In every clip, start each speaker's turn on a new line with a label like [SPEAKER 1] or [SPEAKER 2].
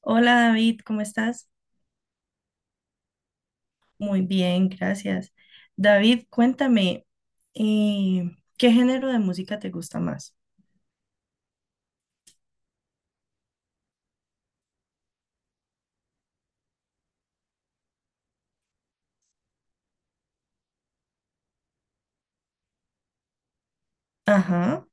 [SPEAKER 1] Hola David, ¿cómo estás? Muy bien, gracias. David, cuéntame, eh, ¿qué género de música te gusta más? Ajá,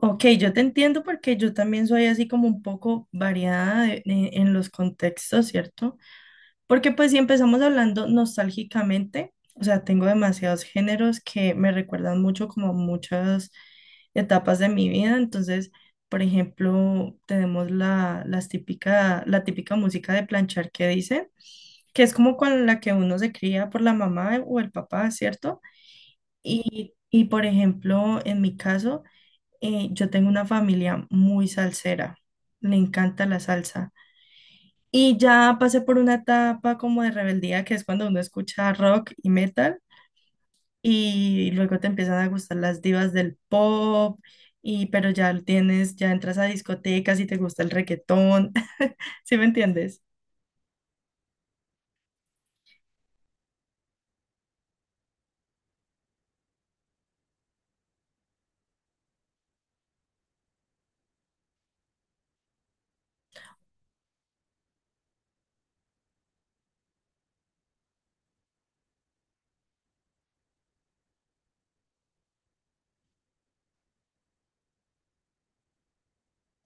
[SPEAKER 1] ok, yo te entiendo porque yo también soy así como un poco variada en los contextos, ¿cierto? Porque pues si empezamos hablando nostálgicamente, o sea, tengo demasiados géneros que me recuerdan mucho como muchas etapas de mi vida. Entonces, por ejemplo, tenemos la típica música de planchar que dice, que es como con la que uno se cría por la mamá o el papá, ¿cierto? Y por ejemplo, en mi caso, yo tengo una familia muy salsera, le encanta la salsa. Y ya pasé por una etapa como de rebeldía, que es cuando uno escucha rock y metal, y luego te empiezan a gustar las divas del pop, y pero ya lo tienes, ya entras a discotecas y te gusta el reggaetón. ¿Sí me entiendes?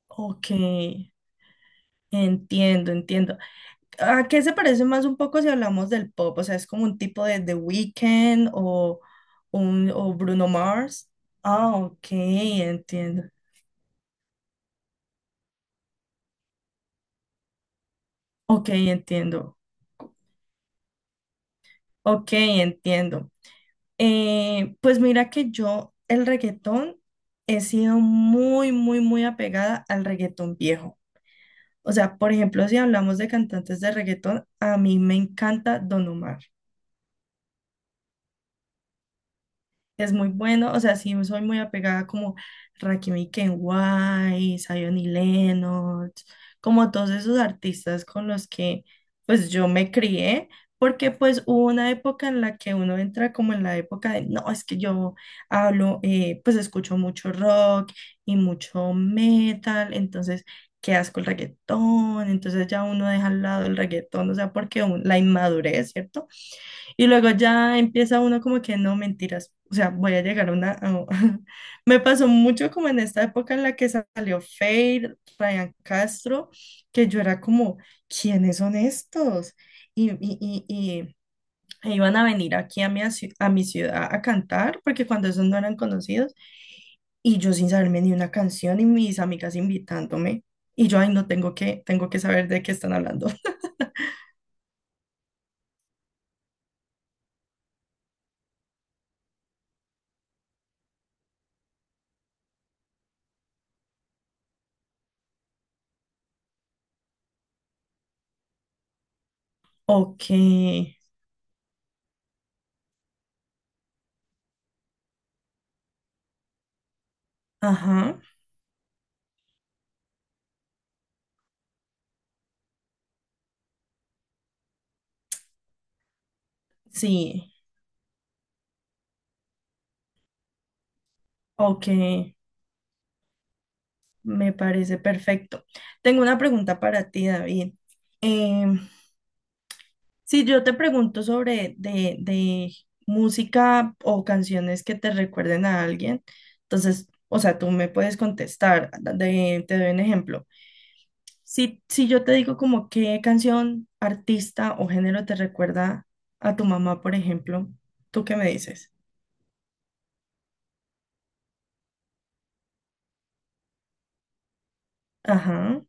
[SPEAKER 1] Ok, entiendo, entiendo. ¿A qué se parece más un poco si hablamos del pop? O sea, es como un tipo de The Weeknd o, un, o Bruno Mars. Ah, ok, entiendo. Ok, entiendo. Ok, entiendo. Pues mira que yo el reggaetón he sido muy, muy, muy apegada al reggaetón viejo. O sea, por ejemplo, si hablamos de cantantes de reggaetón, a mí me encanta Don Omar. Es muy bueno, o sea, sí soy muy apegada como Rakim y Ken Wise, Zion y Lennox, como todos esos artistas con los que pues yo me crié, porque pues hubo una época en la que uno entra como en la época de, no, es que yo hablo, pues escucho mucho rock y mucho metal, entonces qué asco el reggaetón, entonces ya uno deja al lado el reggaetón, o sea, porque la inmadurez, ¿cierto? Y luego ya empieza uno como que no, mentiras. O sea, voy a llegar a una... a- Me pasó mucho como en esta época en la que salió Feid, Ryan Castro, que yo era como, ¿quiénes son estos? Y e iban a venir aquí a a mi ciudad a cantar, porque cuando esos no eran conocidos, y yo sin saberme ni una canción y mis amigas invitándome, y yo, ay, no tengo que, tengo que saber de qué están hablando. Ok, ajá, sí, ok. Me parece perfecto. Tengo una pregunta para ti, David. Em, si yo te pregunto sobre de música o canciones que te recuerden a alguien, entonces, o sea, tú me puedes contestar. Te doy un ejemplo. Si yo te digo como qué canción, artista o género te recuerda a tu mamá, por ejemplo, ¿tú qué me dices? Ajá.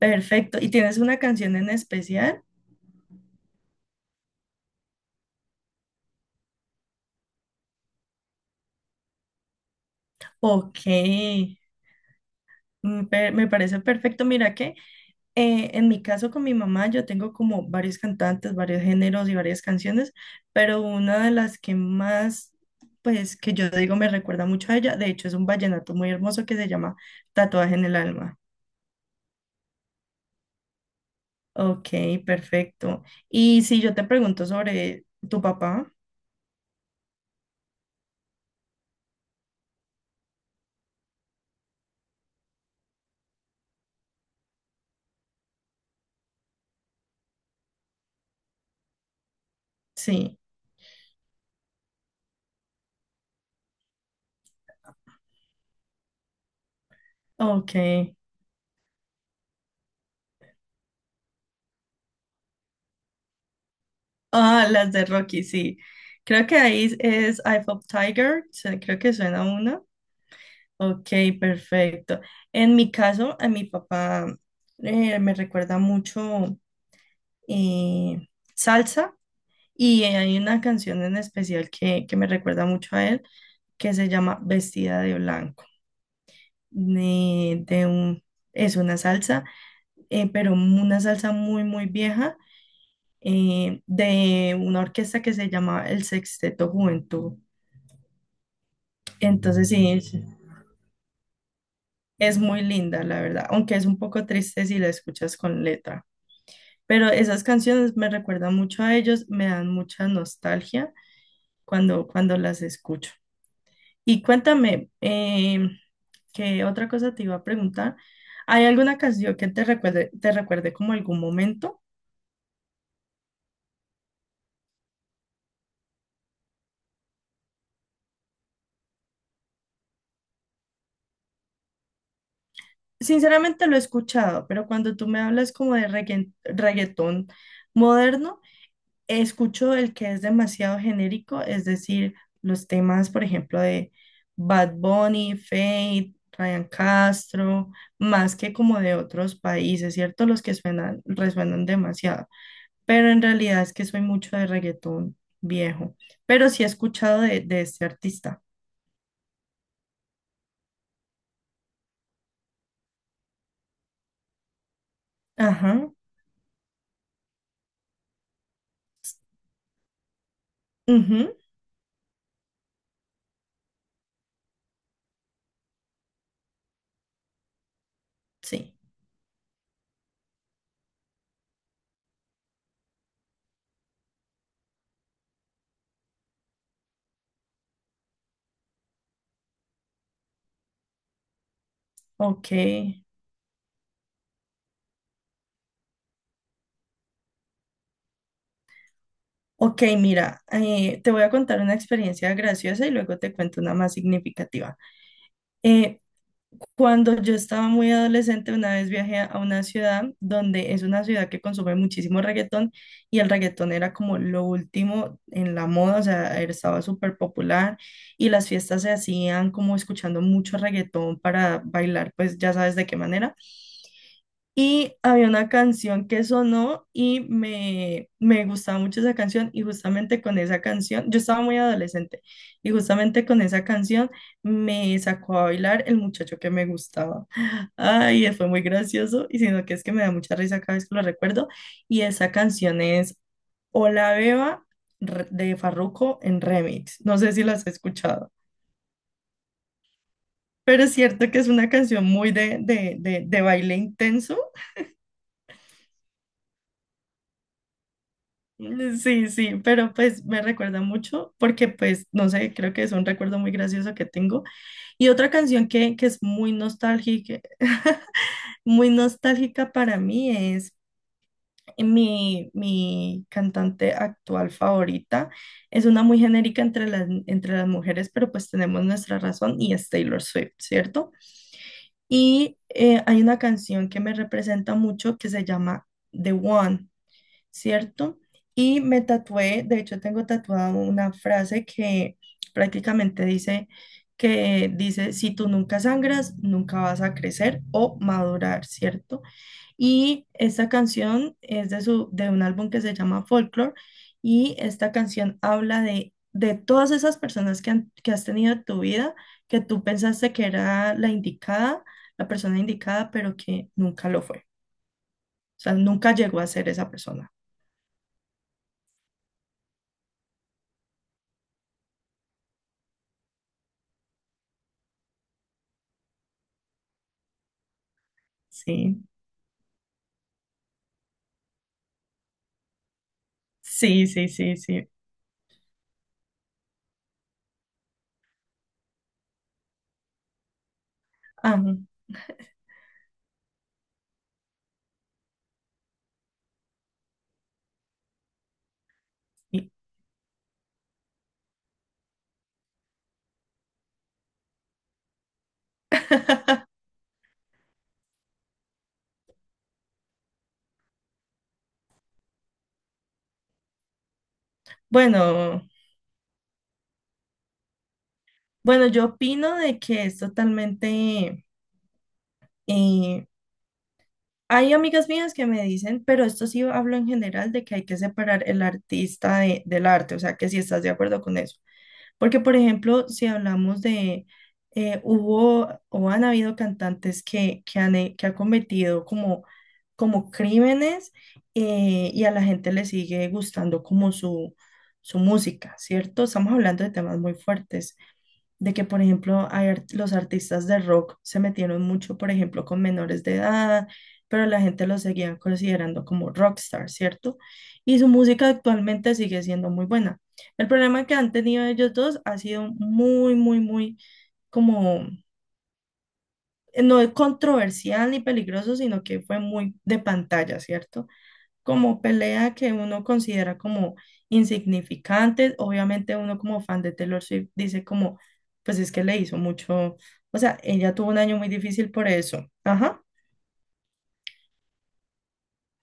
[SPEAKER 1] Perfecto. ¿Y tienes una canción en especial? Ok, mm, per- me parece perfecto. Mira que en mi caso con mi mamá yo tengo como varios cantantes, varios géneros y varias canciones, pero una de las que más, pues que yo digo me recuerda mucho a ella, de hecho es un vallenato muy hermoso que se llama Tatuaje en el alma. Ok, perfecto. Y si yo te pregunto sobre tu papá, sí. Ok. Ah, las de Rocky, sí. Creo que ahí es Eye of Tiger, se- creo que suena una. Ok, perfecto. En mi caso, a mi papá me recuerda mucho eh, salsa y hay una canción en especial que me recuerda mucho a él que se llama Vestida de Blanco. De un, es una salsa, pero una salsa muy, muy vieja, de una orquesta que se llama el Sexteto Juventud. Entonces sí, es muy linda, la verdad, aunque es un poco triste si la escuchas con letra. Pero esas canciones me recuerdan mucho a ellos, me dan mucha nostalgia cuando, cuando las escucho. Y cuéntame, ¿qué otra cosa te iba a preguntar? ¿Hay alguna canción que te recuerde como algún momento? Sinceramente lo he escuchado, pero cuando tú me hablas como de regga- reggaetón moderno, escucho el que es demasiado genérico, es decir, los temas, por ejemplo, de Bad Bunny, Fate, Ryan Castro, más que como de otros países, ¿cierto? Los que suenan, resuenan demasiado. Pero en realidad es que soy mucho de reggaetón viejo. Pero sí he escuchado de este artista. Ajá. Ujú, sí. Ok. Ok, mira, te voy a contar una experiencia graciosa y luego te cuento una más significativa. Eh, Cuando yo estaba muy adolescente, una vez viajé a una ciudad donde es una ciudad que consume muchísimo reggaetón y el reggaetón era como lo último en la moda, o sea, era- estaba súper popular y las fiestas se hacían como escuchando mucho reggaetón para bailar, pues ya sabes de qué manera. Y había una canción que sonó y me gustaba mucho esa canción y justamente con esa canción, yo estaba muy adolescente y justamente con esa canción me sacó a bailar el muchacho que me gustaba. Ay, fue muy gracioso y sino que es que me da mucha risa cada vez que lo recuerdo y esa canción es Hola Beba, re- de Farruko en remix. No sé si las has escuchado, pero es cierto que es una canción muy de baile intenso. Sí, sí, pero pues me recuerda mucho porque pues no sé, creo que es un recuerdo muy gracioso que tengo. Y otra canción que es muy nostálgica, muy nostálgica para mí es mi cantante actual favorita. Es una muy genérica entre entre las mujeres, pero pues tenemos nuestra razón y es Taylor Swift, ¿cierto? Y hay una canción que me representa mucho que se llama The One. ¿Cierto? Y me tatué, de hecho tengo tatuada una frase que prácticamente dice que dice, si tú nunca sangras, nunca vas a crecer o madurar, ¿cierto? Y esta canción es de un álbum que se llama Folklore y esta canción habla de todas esas personas que, han- que has tenido en tu vida, que tú pensaste que era la indicada, la persona indicada, pero que nunca lo fue. O sea, nunca llegó a ser esa persona. Sí. Sí, sí, sí, sí. Am, y- Bueno, bueno, yo opino de que es totalmente... eh, hay amigas mías que me dicen, pero esto sí hablo en general de que hay que separar el artista del arte, o sea, que si estás de acuerdo con eso. Porque, por ejemplo, si hablamos de, hubo o han habido cantantes que, que han cometido como, como crímenes, y a la gente le sigue gustando como su música, ¿cierto? Estamos hablando de temas muy fuertes de que, por ejemplo, hay los artistas de rock se metieron mucho, por ejemplo, con menores de edad, pero la gente los seguía considerando como rockstar, ¿cierto? Y su música actualmente sigue siendo muy buena. El problema que han tenido ellos dos ha sido muy, muy, muy como, no es controversial ni peligroso, sino que fue muy de pantalla, ¿cierto? Como pelea que uno considera como insignificantes. Obviamente uno como fan de Taylor Swift dice como, pues es que le hizo mucho, o sea, ella tuvo un año muy difícil por eso, ajá,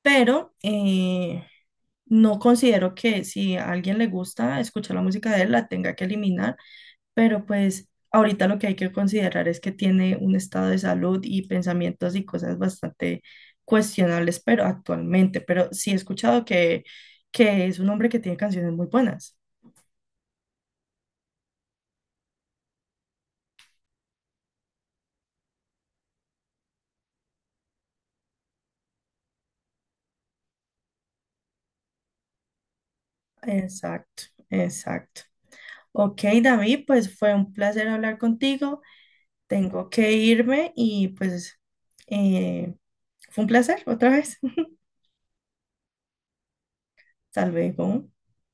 [SPEAKER 1] pero no considero que si a alguien le gusta escuchar la música de él, la tenga que eliminar, pero pues ahorita lo que hay que considerar es que tiene un estado de salud y pensamientos y cosas bastante cuestionables, pero actualmente, pero sí he escuchado que es un hombre que tiene canciones muy buenas. Exacto, exacto. Ok, David, pues fue un placer hablar contigo. Tengo que irme y pues eh, fue un placer otra vez. Hasta luego.